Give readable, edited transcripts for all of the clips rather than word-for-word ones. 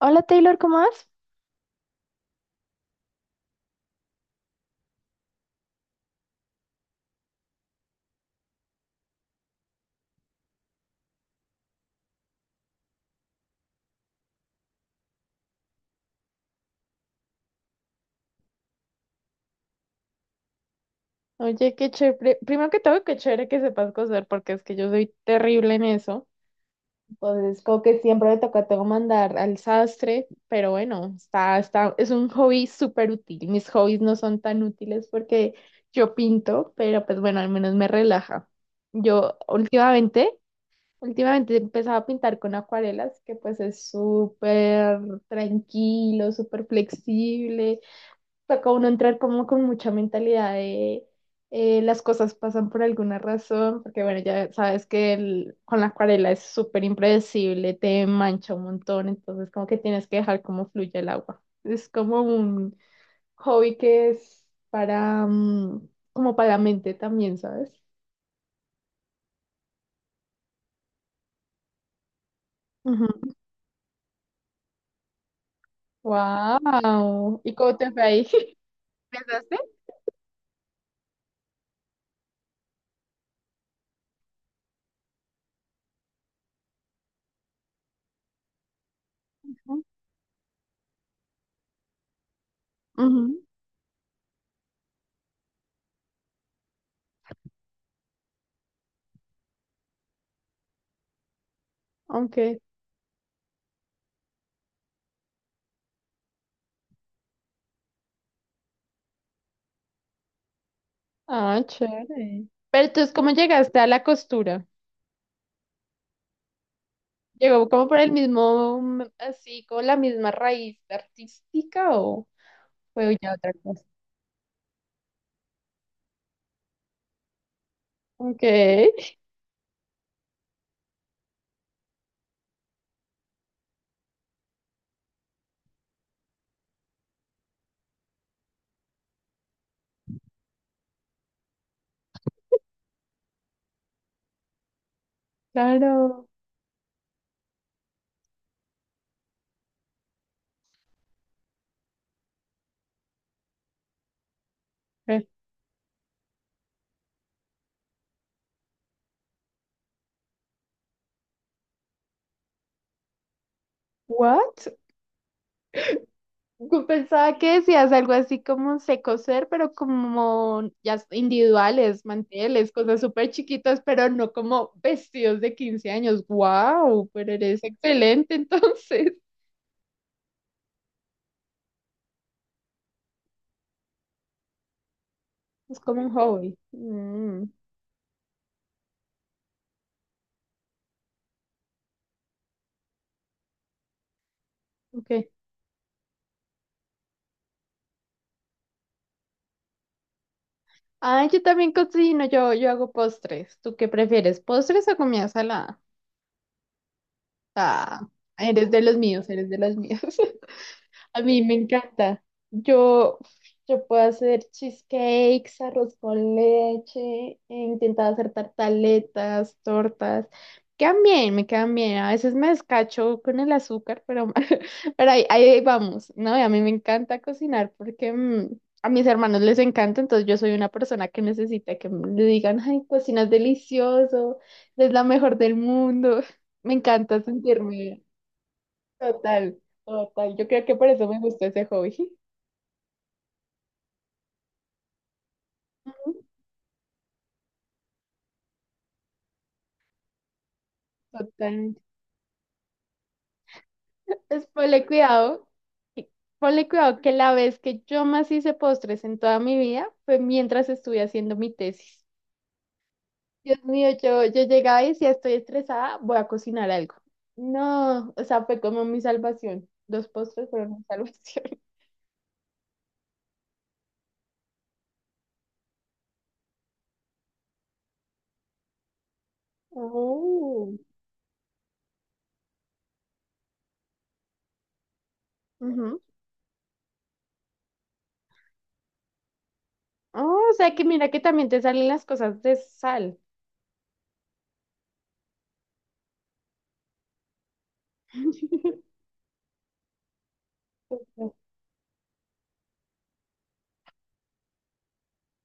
Hola Taylor, ¿cómo vas? Oye, qué chévere. Primero que todo, qué chévere que sepas coser, porque es que yo soy terrible en eso. Entonces, como que siempre me toca tengo que mandar al sastre, pero bueno, es un hobby súper útil. Mis hobbies no son tan útiles porque yo pinto, pero pues bueno, al menos me relaja. Yo últimamente, Últimamente he empezado a pintar con acuarelas, que pues es súper tranquilo, súper flexible. Toca uno entrar como con mucha mentalidad de las cosas pasan por alguna razón, porque bueno, ya sabes que con la acuarela es súper impredecible, te mancha un montón, entonces como que tienes que dejar como fluye el agua. Es como un hobby que es para, como para la mente también, ¿sabes? Ujú. Wow. ¿Y cómo te fue ahí? Empezaste. Ujú. Ok. Ah, chévere. Pero entonces, ¿cómo llegaste a la costura? Llegó como por el mismo, así, con la misma raíz artística, ¿o fue ya otra cosa? Ok, claro. Eh, What? Yo pensaba que decías algo así como sé coser, pero como ya individuales, manteles, cosas súper chiquitas, pero no como vestidos de 15 años. Wow, pero eres excelente entonces. Es como un hobby. Mm, ok. Ah, yo también cocino, yo hago postres. ¿Tú qué prefieres, postres o comida salada? Ah, eres de los míos, eres de los míos. A mí me encanta. Yo, yo puedo hacer cheesecakes, arroz con leche, he intentado hacer tartaletas, tortas. Quedan bien, me quedan bien. A veces me descacho con el azúcar, pero, pero ahí vamos, ¿no? Y a mí me encanta cocinar porque a mis hermanos les encanta, entonces yo soy una persona que necesita que le digan, ay, cocinas delicioso, es la mejor del mundo. Me encanta sentirme. Total, total. Yo creo que por eso me gustó ese hobby. Totalmente. Pues ponle cuidado, y- ponle cuidado que la vez que yo más hice postres en toda mi vida fue mientras estuve haciendo mi tesis. Dios mío, yo llegaba y decía, estoy estresada, voy a cocinar algo. No, o sea, fue como mi salvación. Los postres fueron mi salvación. Oh. Ujú. Oh, o sea que mira que también te salen las cosas de sal. Ujú.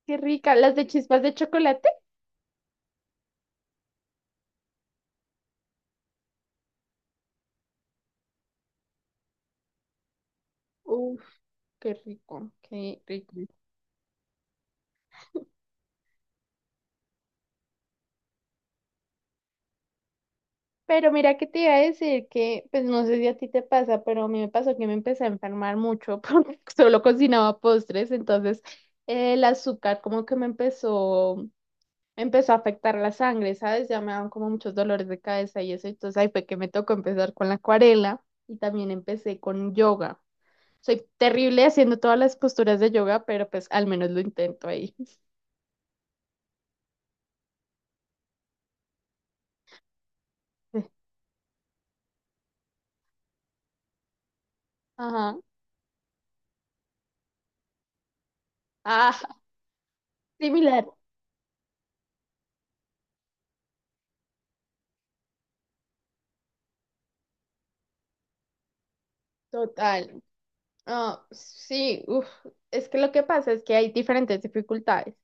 Qué rica. ¿Las de chispas de chocolate? Qué rico, qué rico. Pero mira que te iba a decir que, pues no sé si a ti te pasa, pero a mí me pasó que me empecé a enfermar mucho porque solo cocinaba postres, entonces el azúcar como que me empezó a afectar la sangre, ¿sabes? Ya me daban como muchos dolores de cabeza y eso, entonces ahí fue que me tocó empezar con la acuarela y también empecé con yoga. Soy terrible haciendo todas las posturas de yoga, pero pues al menos lo intento ahí. Ajá. Ah, similar, total. Ah, sí, uf, es que lo que pasa es que hay diferentes dificultades.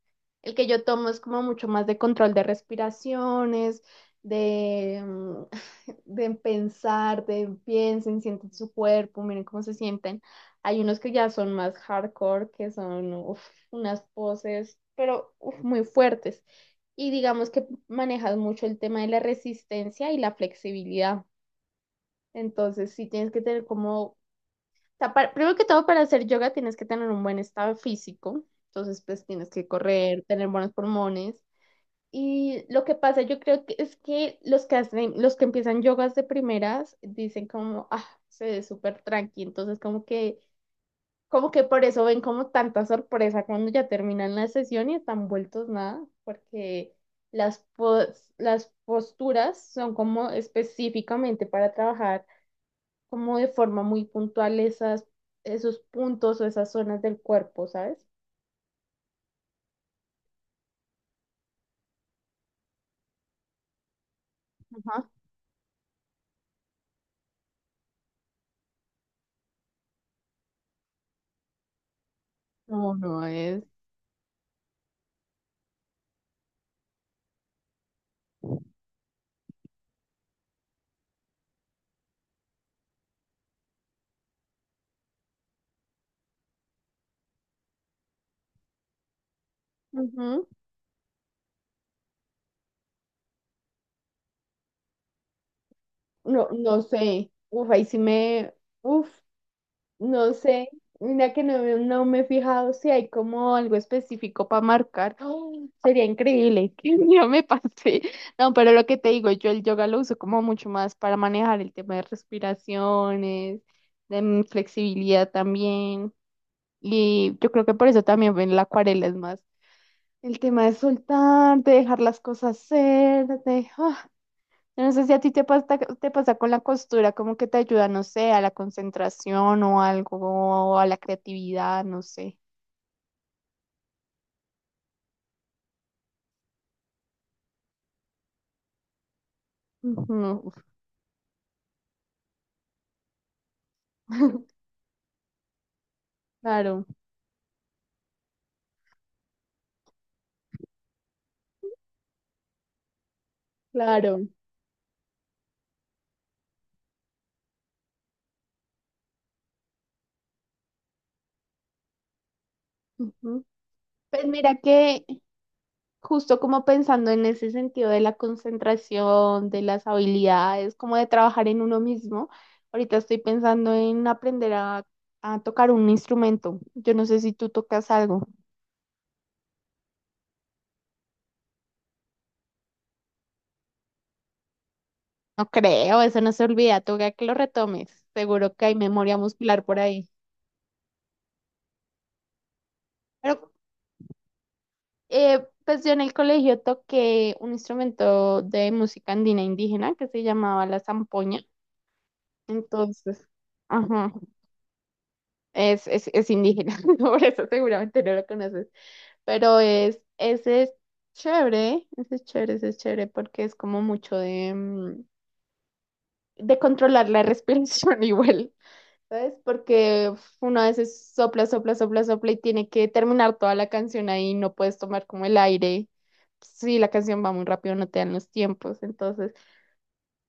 El que yo tomo es como mucho más de control de respiraciones, de, de pensar, de piensen, sienten su cuerpo, miren cómo se sienten. Hay unos que ya son más hardcore, que son uf, unas poses, pero uf, muy fuertes. Y digamos que manejas mucho el tema de la resistencia y la flexibilidad. Entonces, sí tienes que tener como sea, primero que todo, para hacer yoga tienes que tener un buen estado físico, entonces pues tienes que correr, tener buenos pulmones. Y lo que pasa, yo creo que es que los que empiezan yogas de primeras dicen como, ah, se ve súper tranqui, entonces como que por eso ven como tanta sorpresa cuando ya terminan la sesión y están vueltos nada, porque las posturas son como específicamente para trabajar como de forma muy puntual esos puntos o esas zonas del cuerpo, ¿sabes? Ajá. No, no es. Ujú. No, no sé. Uf, ahí sí me. Uf, no sé. Mira que no, no me he fijado si hay como algo específico para marcar. ¡Oh! Sería increíble que un día me pase. No, pero lo que te digo, yo el yoga lo uso como mucho más para manejar el tema de respiraciones, de flexibilidad también. Y yo creo que por eso también ven la acuarela es más el tema de soltar, de dejar las cosas ser, de, ah, yo no sé si a ti te pasa con la costura, como que te ayuda, no sé, a la concentración o algo, o a la creatividad, no sé. Ujú. Claro, claro. Ujú. Pues mira que justo como pensando en ese sentido de la concentración, de las habilidades, como de trabajar en uno mismo. Ahorita estoy pensando en aprender a tocar un instrumento. Yo no sé si tú tocas algo. No creo, eso no se olvida. Toca que lo retomes. Seguro que hay memoria muscular por ahí. Pero pues yo en el colegio toqué un instrumento de música andina indígena que se llamaba la zampoña. Entonces, ajá, es indígena, por eso seguramente no lo conoces. Pero es, ese es chévere, ese es chévere, ese es chévere porque es como mucho de, de controlar la respiración igual, ¿sabes? Porque uf, uno a veces sopla, sopla, sopla, sopla y tiene que terminar toda la canción ahí, no puedes tomar como el aire. Si la canción va muy rápido, no te dan los tiempos, entonces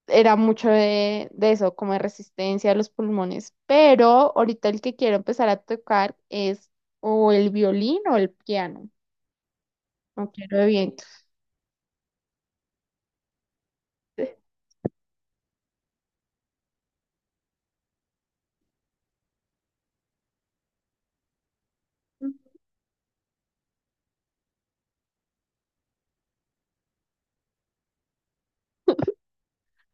era mucho de eso, como de resistencia a los pulmones. Pero ahorita el que quiero empezar a tocar es o el violín o el piano, no quiero de vientos.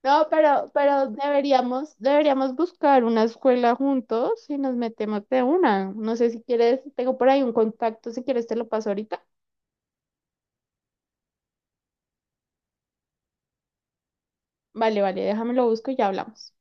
No, pero, deberíamos buscar una escuela juntos y nos metemos de una. No sé si quieres, tengo por ahí un contacto, si quieres te lo paso ahorita. Vale, vale, déjame lo busco y ya hablamos.